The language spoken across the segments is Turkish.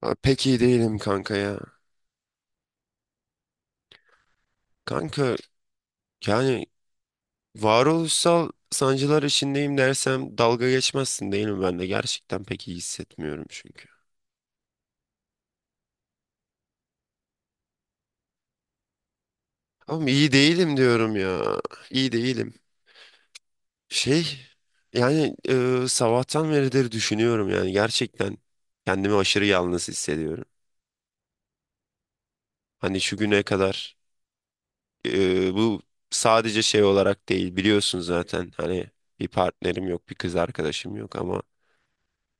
Ha, pek iyi değilim kanka ya. Kanka, yani varoluşsal sancılar içindeyim dersem dalga geçmezsin değil mi? Ben de gerçekten pek iyi hissetmiyorum çünkü. Ama iyi değilim diyorum ya. İyi değilim. Şey yani Sabahtan beridir düşünüyorum, yani gerçekten kendimi aşırı yalnız hissediyorum. Hani şu güne kadar bu sadece şey olarak değil, biliyorsun zaten hani bir partnerim yok, bir kız arkadaşım yok ama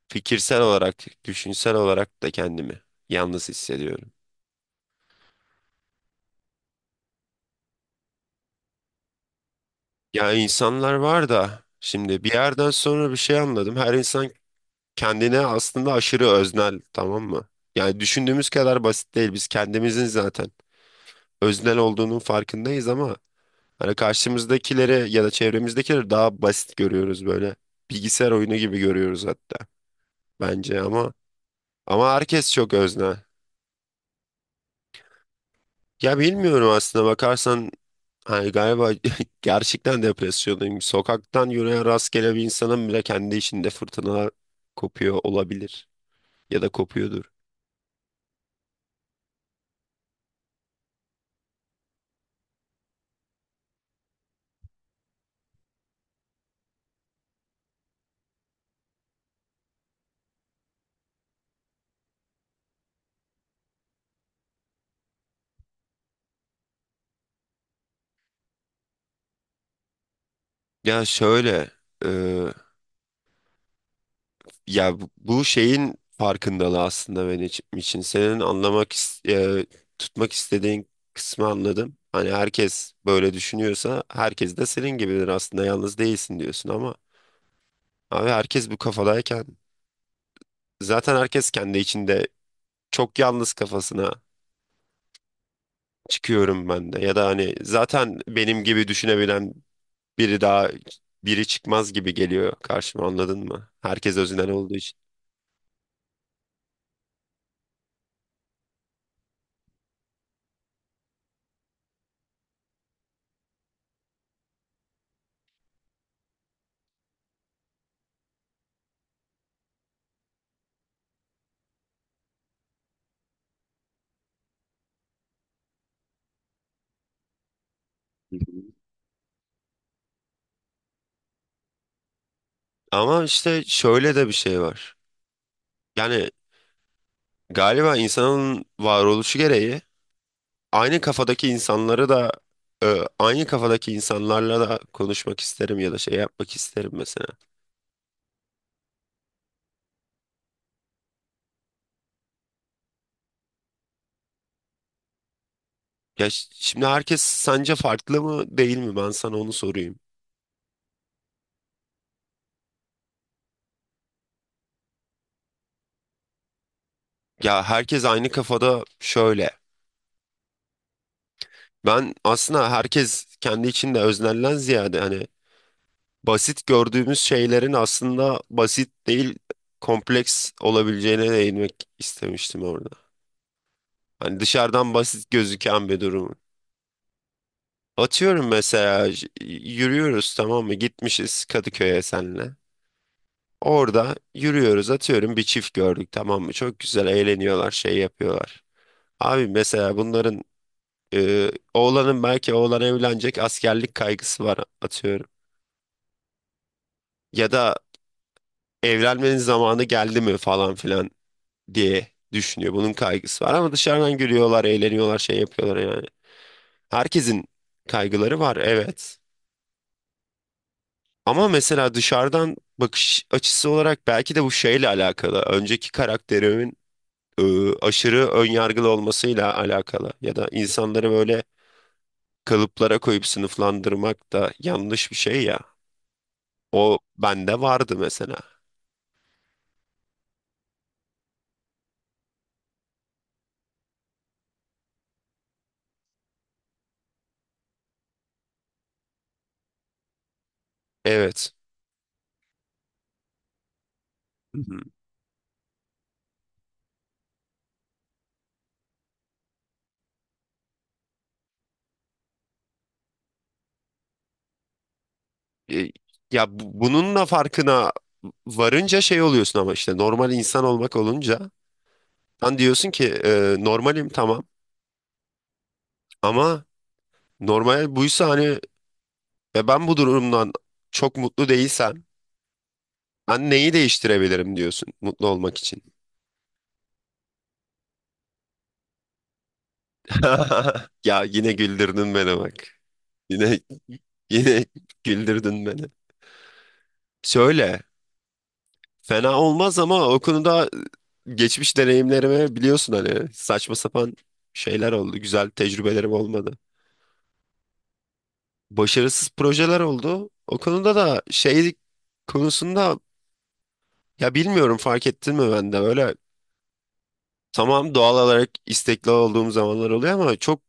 fikirsel olarak, düşünsel olarak da kendimi yalnız hissediyorum. Ya insanlar var da, şimdi bir yerden sonra bir şey anladım. Her insan kendine aslında aşırı öznel, tamam mı? Yani düşündüğümüz kadar basit değil. Biz kendimizin zaten öznel olduğunun farkındayız ama hani karşımızdakileri ya da çevremizdekileri daha basit görüyoruz böyle. Bilgisayar oyunu gibi görüyoruz hatta bence, ama herkes çok öznel. Ya bilmiyorum, aslında bakarsan yani galiba gerçekten depresyondayım. Sokaktan yürüyen rastgele bir insanın bile kendi içinde fırtına kopuyor olabilir. Ya da kopuyordur. Ya şöyle, e, ya bu şeyin farkındalığı aslında benim için. Senin anlamak, e, tutmak istediğin kısmı anladım. Hani herkes böyle düşünüyorsa herkes de senin gibidir, aslında yalnız değilsin diyorsun ama abi herkes bu kafadayken zaten herkes kendi içinde çok yalnız kafasına çıkıyorum ben de, ya da hani zaten benim gibi düşünebilen biri daha biri çıkmaz gibi geliyor karşıma, anladın mı? Herkes özünden olduğu için. Hı hı. Ama işte şöyle de bir şey var. Yani galiba insanın varoluşu gereği aynı kafadaki insanları da aynı kafadaki insanlarla da konuşmak isterim ya da şey yapmak isterim mesela. Şimdi herkes sence farklı mı değil mi? Ben sana onu sorayım. Ya herkes aynı kafada şöyle. Ben aslında herkes kendi içinde öznelden ziyade hani basit gördüğümüz şeylerin aslında basit değil, kompleks olabileceğine değinmek istemiştim orada. Hani dışarıdan basit gözüken bir durum. Atıyorum mesela yürüyoruz, tamam mı? Gitmişiz Kadıköy'e senle. Orada yürüyoruz, atıyorum bir çift gördük, tamam mı? Çok güzel eğleniyorlar, şey yapıyorlar. Abi mesela bunların oğlan evlenecek, askerlik kaygısı var atıyorum. Ya da evlenmenin zamanı geldi mi falan filan diye düşünüyor. Bunun kaygısı var ama dışarıdan gülüyorlar, eğleniyorlar, şey yapıyorlar yani. Herkesin kaygıları var, evet. Ama mesela dışarıdan bakış açısı olarak belki de bu şeyle alakalı. Önceki karakterimin aşırı önyargılı olmasıyla alakalı. Ya da insanları böyle kalıplara koyup sınıflandırmak da yanlış bir şey ya. O bende vardı mesela. Evet. Hı hı. E, Ya bununla farkına varınca şey oluyorsun ama işte normal insan olmak olunca sen diyorsun ki normalim tamam ama normal buysa hani ve ben bu durumdan çok mutlu değilsem ben neyi değiştirebilirim diyorsun mutlu olmak için. Ya yine güldürdün beni bak. Yine yine güldürdün beni. Söyle. Fena olmaz ama o konuda geçmiş deneyimlerime biliyorsun hani saçma sapan şeyler oldu. Güzel tecrübelerim olmadı. Başarısız projeler oldu. O konuda da şey konusunda ya bilmiyorum, fark ettin mi, ben de öyle, tamam, doğal olarak istekli olduğum zamanlar oluyor ama çok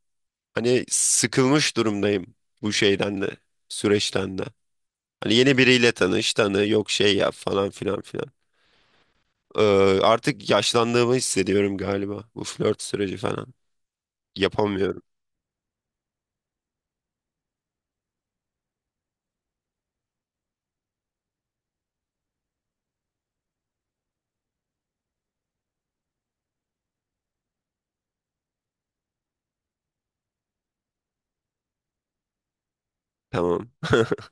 hani sıkılmış durumdayım bu şeyden de, süreçten de. Hani yeni biriyle tanı yok, şey yap falan filan filan. Ee, Artık yaşlandığımı hissediyorum galiba, bu flört süreci falan. Yapamıyorum. Tamam.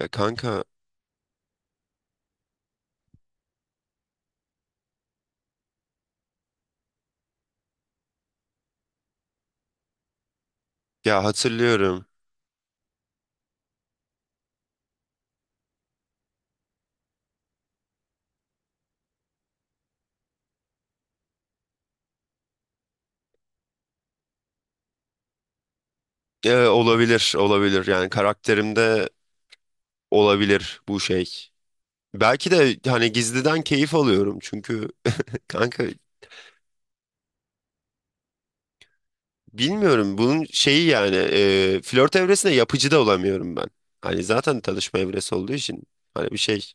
Ya kanka ya, hatırlıyorum. Olabilir, olabilir yani karakterimde olabilir bu şey. Belki de hani gizliden keyif alıyorum çünkü kanka bilmiyorum bunun şeyi yani, flört evresinde yapıcı da olamıyorum ben. Hani zaten tanışma evresi olduğu için hani bir şey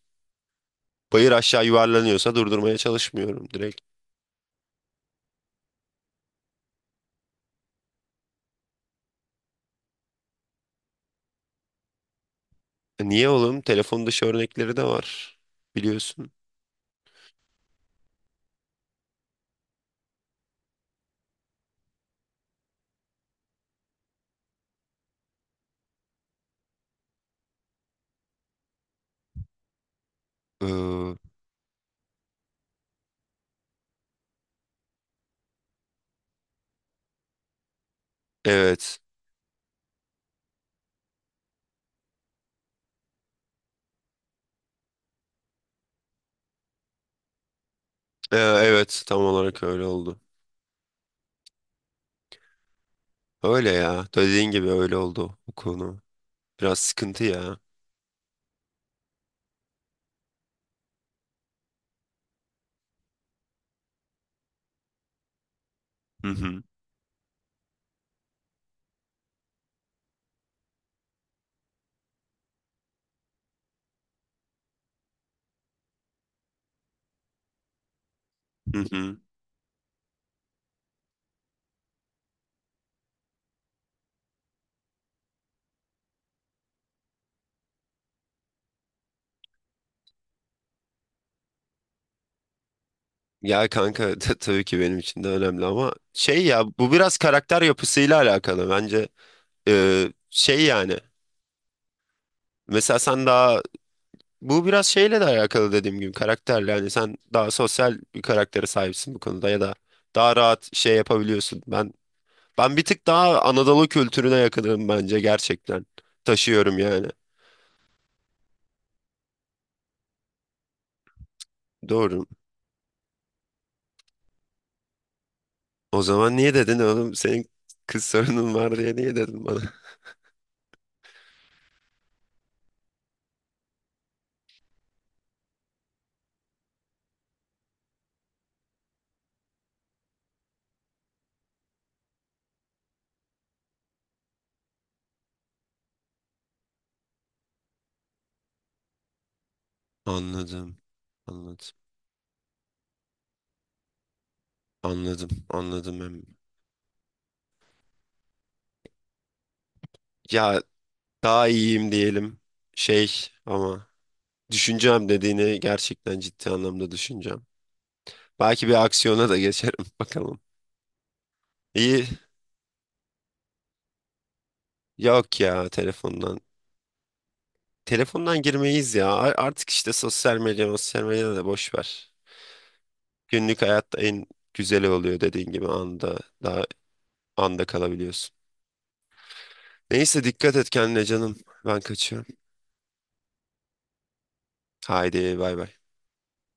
bayır aşağı yuvarlanıyorsa durdurmaya çalışmıyorum direkt. Niye oğlum? Telefon dışı örnekleri de var biliyorsun. Ee, evet. Evet, tam olarak öyle oldu. Öyle ya, dediğin gibi öyle oldu bu konu. Biraz sıkıntı ya. Hı hı. Hı hı. Ya kanka tabii ki benim için de önemli ama şey ya bu biraz karakter yapısıyla alakalı bence. Ee, şey yani Mesela sen daha, bu biraz şeyle de alakalı dediğim gibi, karakterle yani sen daha sosyal bir karaktere sahipsin bu konuda ya da daha rahat şey yapabiliyorsun, ben bir tık daha Anadolu kültürüne yakınım bence gerçekten, taşıyorum yani. Doğru. O zaman niye dedin oğlum senin kız sorunun var diye, niye dedin bana? Anladım, anladım. Anladım. Em. Ya daha iyiyim diyelim şey ama düşüneceğim, dediğini gerçekten ciddi anlamda düşüneceğim. Belki bir aksiyona da geçerim bakalım. İyi, yok ya, telefondan. Telefondan girmeyiz ya. Artık işte sosyal medya, da boş ver. Günlük hayatta en güzeli oluyor, dediğin gibi anda kalabiliyorsun. Neyse, dikkat et kendine canım, ben kaçıyorum. Haydi bay bay.